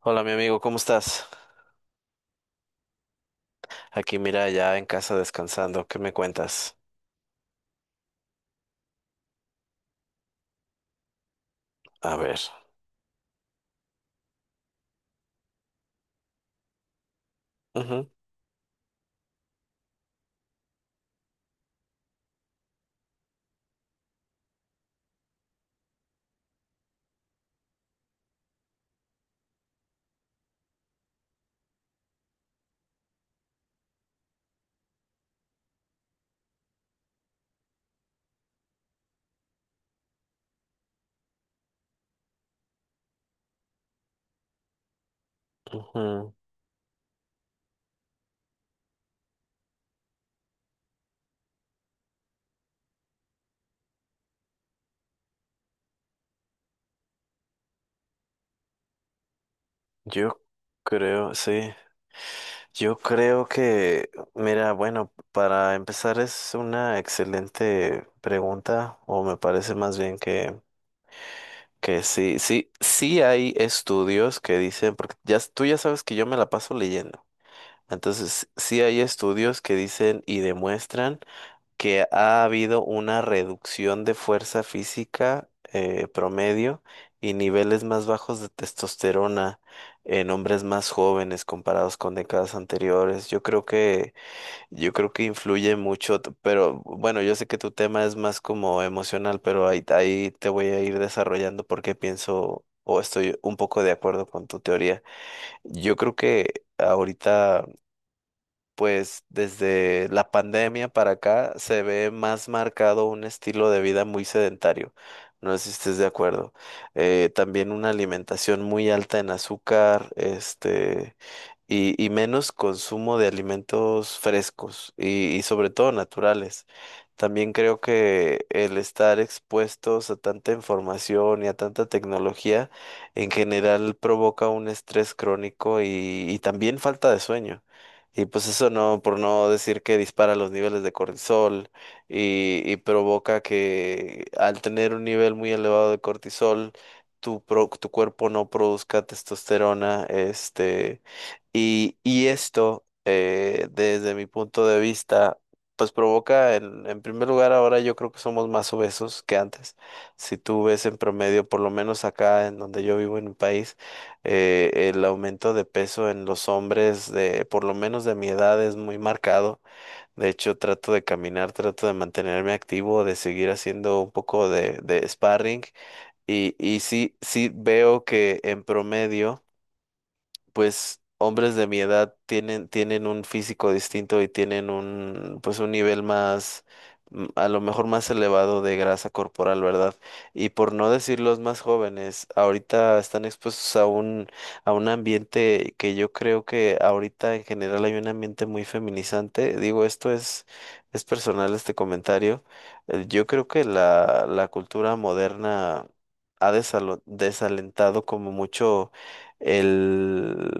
Hola, mi amigo, ¿cómo estás? Aquí, mira, ya en casa descansando. ¿Qué me cuentas? A ver. Ujú, ujú. Yo creo, sí. Yo creo que, mira, bueno, para empezar es una excelente pregunta, o me parece más bien que sí, sí, sí hay estudios que dicen, porque ya, tú ya sabes que yo me la paso leyendo. Entonces, sí hay estudios que dicen y demuestran, que ha habido una reducción de fuerza física promedio y niveles más bajos de testosterona en hombres más jóvenes comparados con décadas anteriores. Yo creo que influye mucho, pero bueno, yo sé que tu tema es más como emocional, pero ahí, ahí te voy a ir desarrollando porque pienso o estoy un poco de acuerdo con tu teoría. Yo creo que ahorita pues desde la pandemia para acá se ve más marcado un estilo de vida muy sedentario. No sé si estés de acuerdo. También una alimentación muy alta en azúcar, este, y menos consumo de alimentos frescos y sobre todo naturales. También creo que el estar expuestos a tanta información y a tanta tecnología en general provoca un estrés crónico y también falta de sueño. Y pues eso no, por no decir que dispara los niveles de cortisol y provoca que al tener un nivel muy elevado de cortisol, tu cuerpo no produzca testosterona, este, y esto, desde mi punto de vista, pues provoca, en primer lugar, ahora yo creo que somos más obesos que antes. Si tú ves en promedio, por lo menos acá en donde yo vivo en mi país, el aumento de peso en los hombres de, por lo menos de mi edad, es muy marcado. De hecho, trato de caminar, trato de mantenerme activo, de seguir haciendo un poco de sparring. Y sí, sí veo que en promedio pues hombres de mi edad tienen, tienen un físico distinto y tienen un, pues un nivel más, a lo mejor más elevado de grasa corporal, ¿verdad? Y por no decir los más jóvenes, ahorita están expuestos a un ambiente que yo creo que ahorita en general hay un ambiente muy feminizante. Digo, esto es personal este comentario. Yo creo que la cultura moderna ha desalentado como mucho el,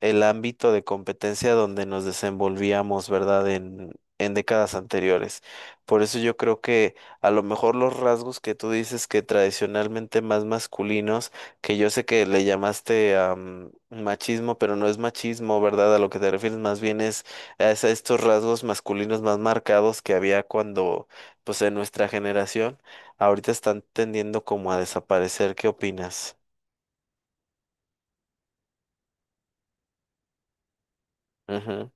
el ámbito de competencia donde nos desenvolvíamos, ¿verdad? En décadas anteriores. Por eso yo creo que a lo mejor los rasgos que tú dices que tradicionalmente más masculinos, que yo sé que le llamaste machismo, pero no es machismo, ¿verdad? A lo que te refieres más bien es a estos rasgos masculinos más marcados que había cuando, pues en nuestra generación, ahorita están tendiendo como a desaparecer. ¿Qué opinas? Ujú,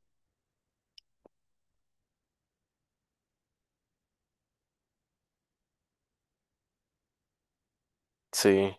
sí.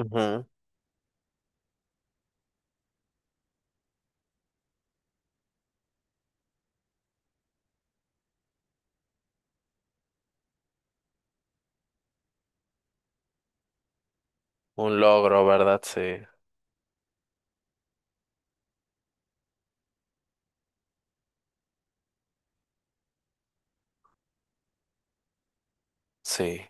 Ujú. Un logro, ¿verdad? Sí, sí.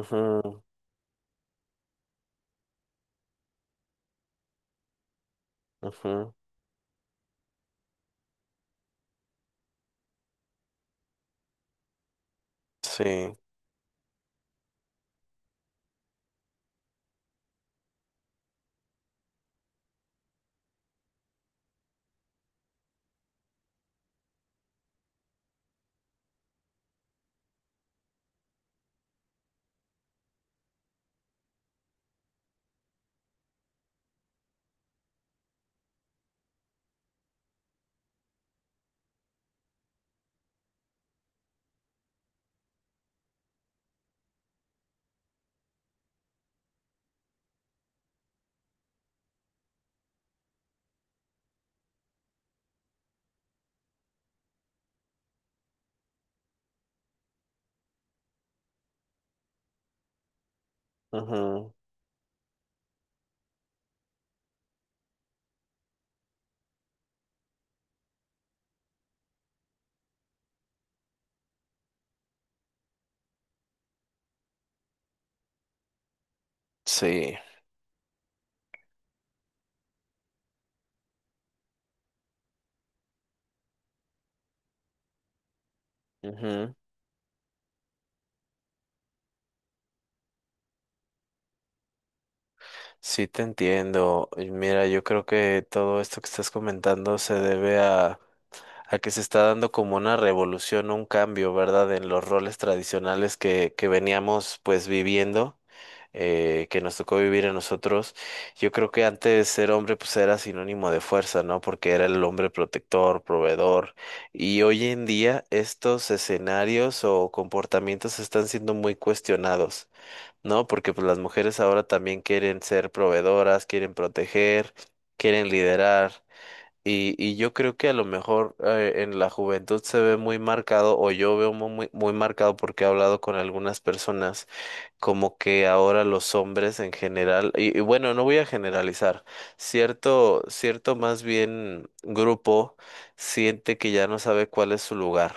Ujú, ujú. Sí, ujú, sí. Ujú. Sí, te entiendo. Y mira, yo creo que todo esto que estás comentando se debe a que se está dando como una revolución, un cambio, ¿verdad? En los roles tradicionales que veníamos pues viviendo. Que nos tocó vivir a nosotros, yo creo que antes ser hombre pues era sinónimo de fuerza, ¿no? Porque era el hombre protector, proveedor, y hoy en día estos escenarios o comportamientos están siendo muy cuestionados, ¿no? Porque pues las mujeres ahora también quieren ser proveedoras, quieren proteger, quieren liderar. Y yo creo que a lo mejor en la juventud se ve muy marcado, o yo veo muy, muy marcado porque he hablado con algunas personas como que ahora los hombres en general, y bueno, no voy a generalizar, cierto, cierto más bien grupo siente que ya no sabe cuál es su lugar.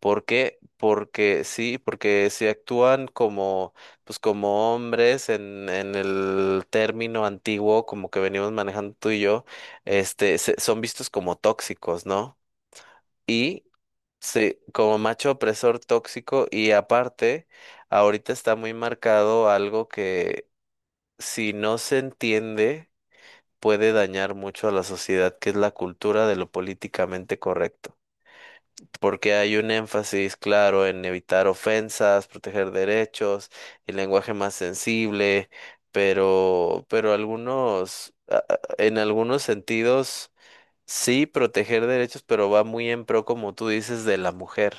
¿Por qué? Porque sí, porque si actúan como, pues como hombres en el término antiguo, como que venimos manejando tú y yo, este, son vistos como tóxicos, ¿no? Sí, como macho opresor tóxico y aparte, ahorita está muy marcado algo que si no se entiende puede dañar mucho a la sociedad, que es la cultura de lo políticamente correcto. Porque hay un énfasis claro en evitar ofensas, proteger derechos, el lenguaje más sensible, pero algunos, en algunos sentidos, sí proteger derechos, pero va muy en pro, como tú dices, de la mujer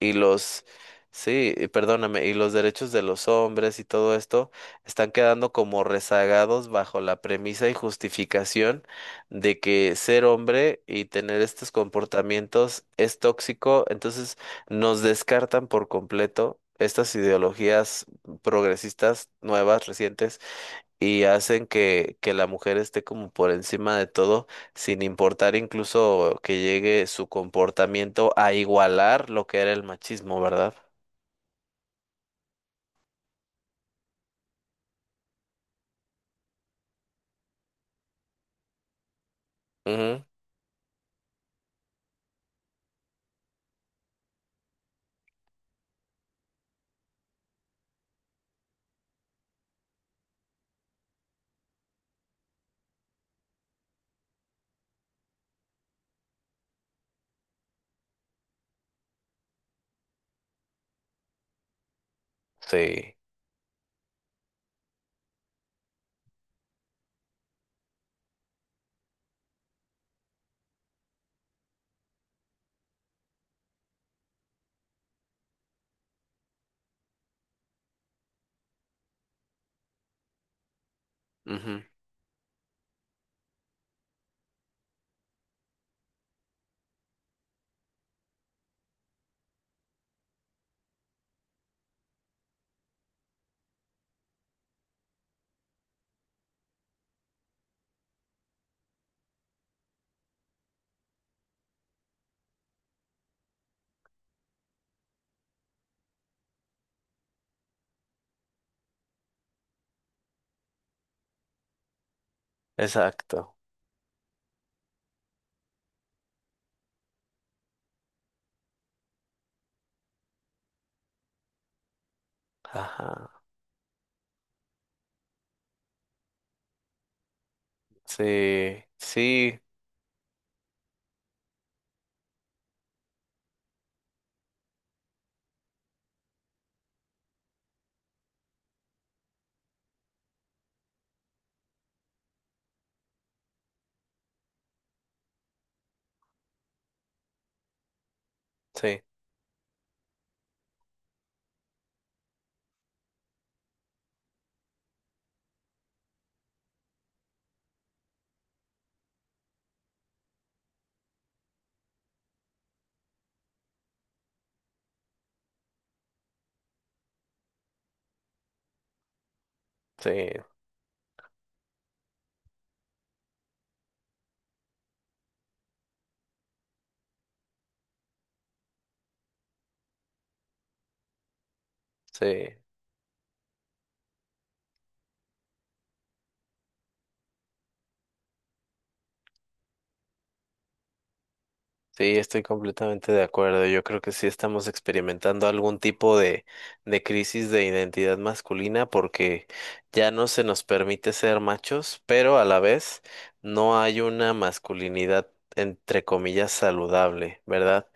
y los, sí, perdóname, y los derechos de los hombres y todo esto están quedando como rezagados bajo la premisa y justificación de que ser hombre y tener estos comportamientos es tóxico, entonces nos descartan por completo. Estas ideologías progresistas nuevas, recientes, y hacen que la mujer esté como por encima de todo, sin importar incluso que llegue su comportamiento a igualar lo que era el machismo, ¿verdad? Ujú, sí. Ujú. Exacto. Ajá. Sí, sí, sí, sí, sí. Sí, estoy completamente de acuerdo. Yo creo que sí estamos experimentando algún tipo de crisis de identidad masculina porque ya no se nos permite ser machos, pero a la vez no hay una masculinidad entre comillas saludable, ¿verdad?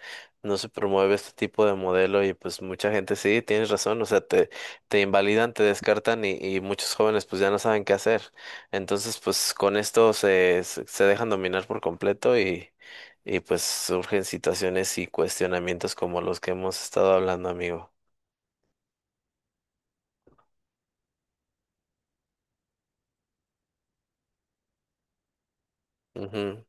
No se promueve este tipo de modelo y pues mucha gente sí, tienes razón, o sea, te invalidan, te descartan y muchos jóvenes pues ya no saben qué hacer. Entonces pues con esto se, se dejan dominar por completo y pues surgen situaciones y cuestionamientos como los que hemos estado hablando, amigo. Ujú,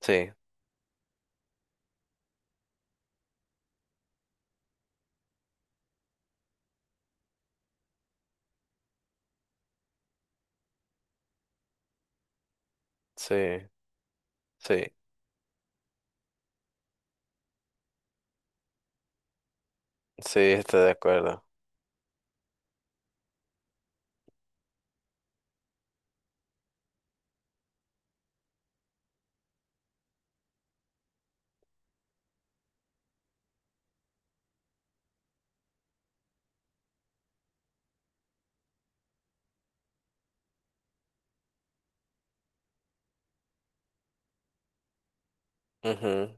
sí, sí, sí, sí, estoy de acuerdo. Ujú,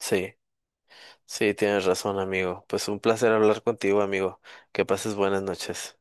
sí, sí, tienes razón, amigo. Pues un placer hablar contigo, amigo. Que pases buenas noches.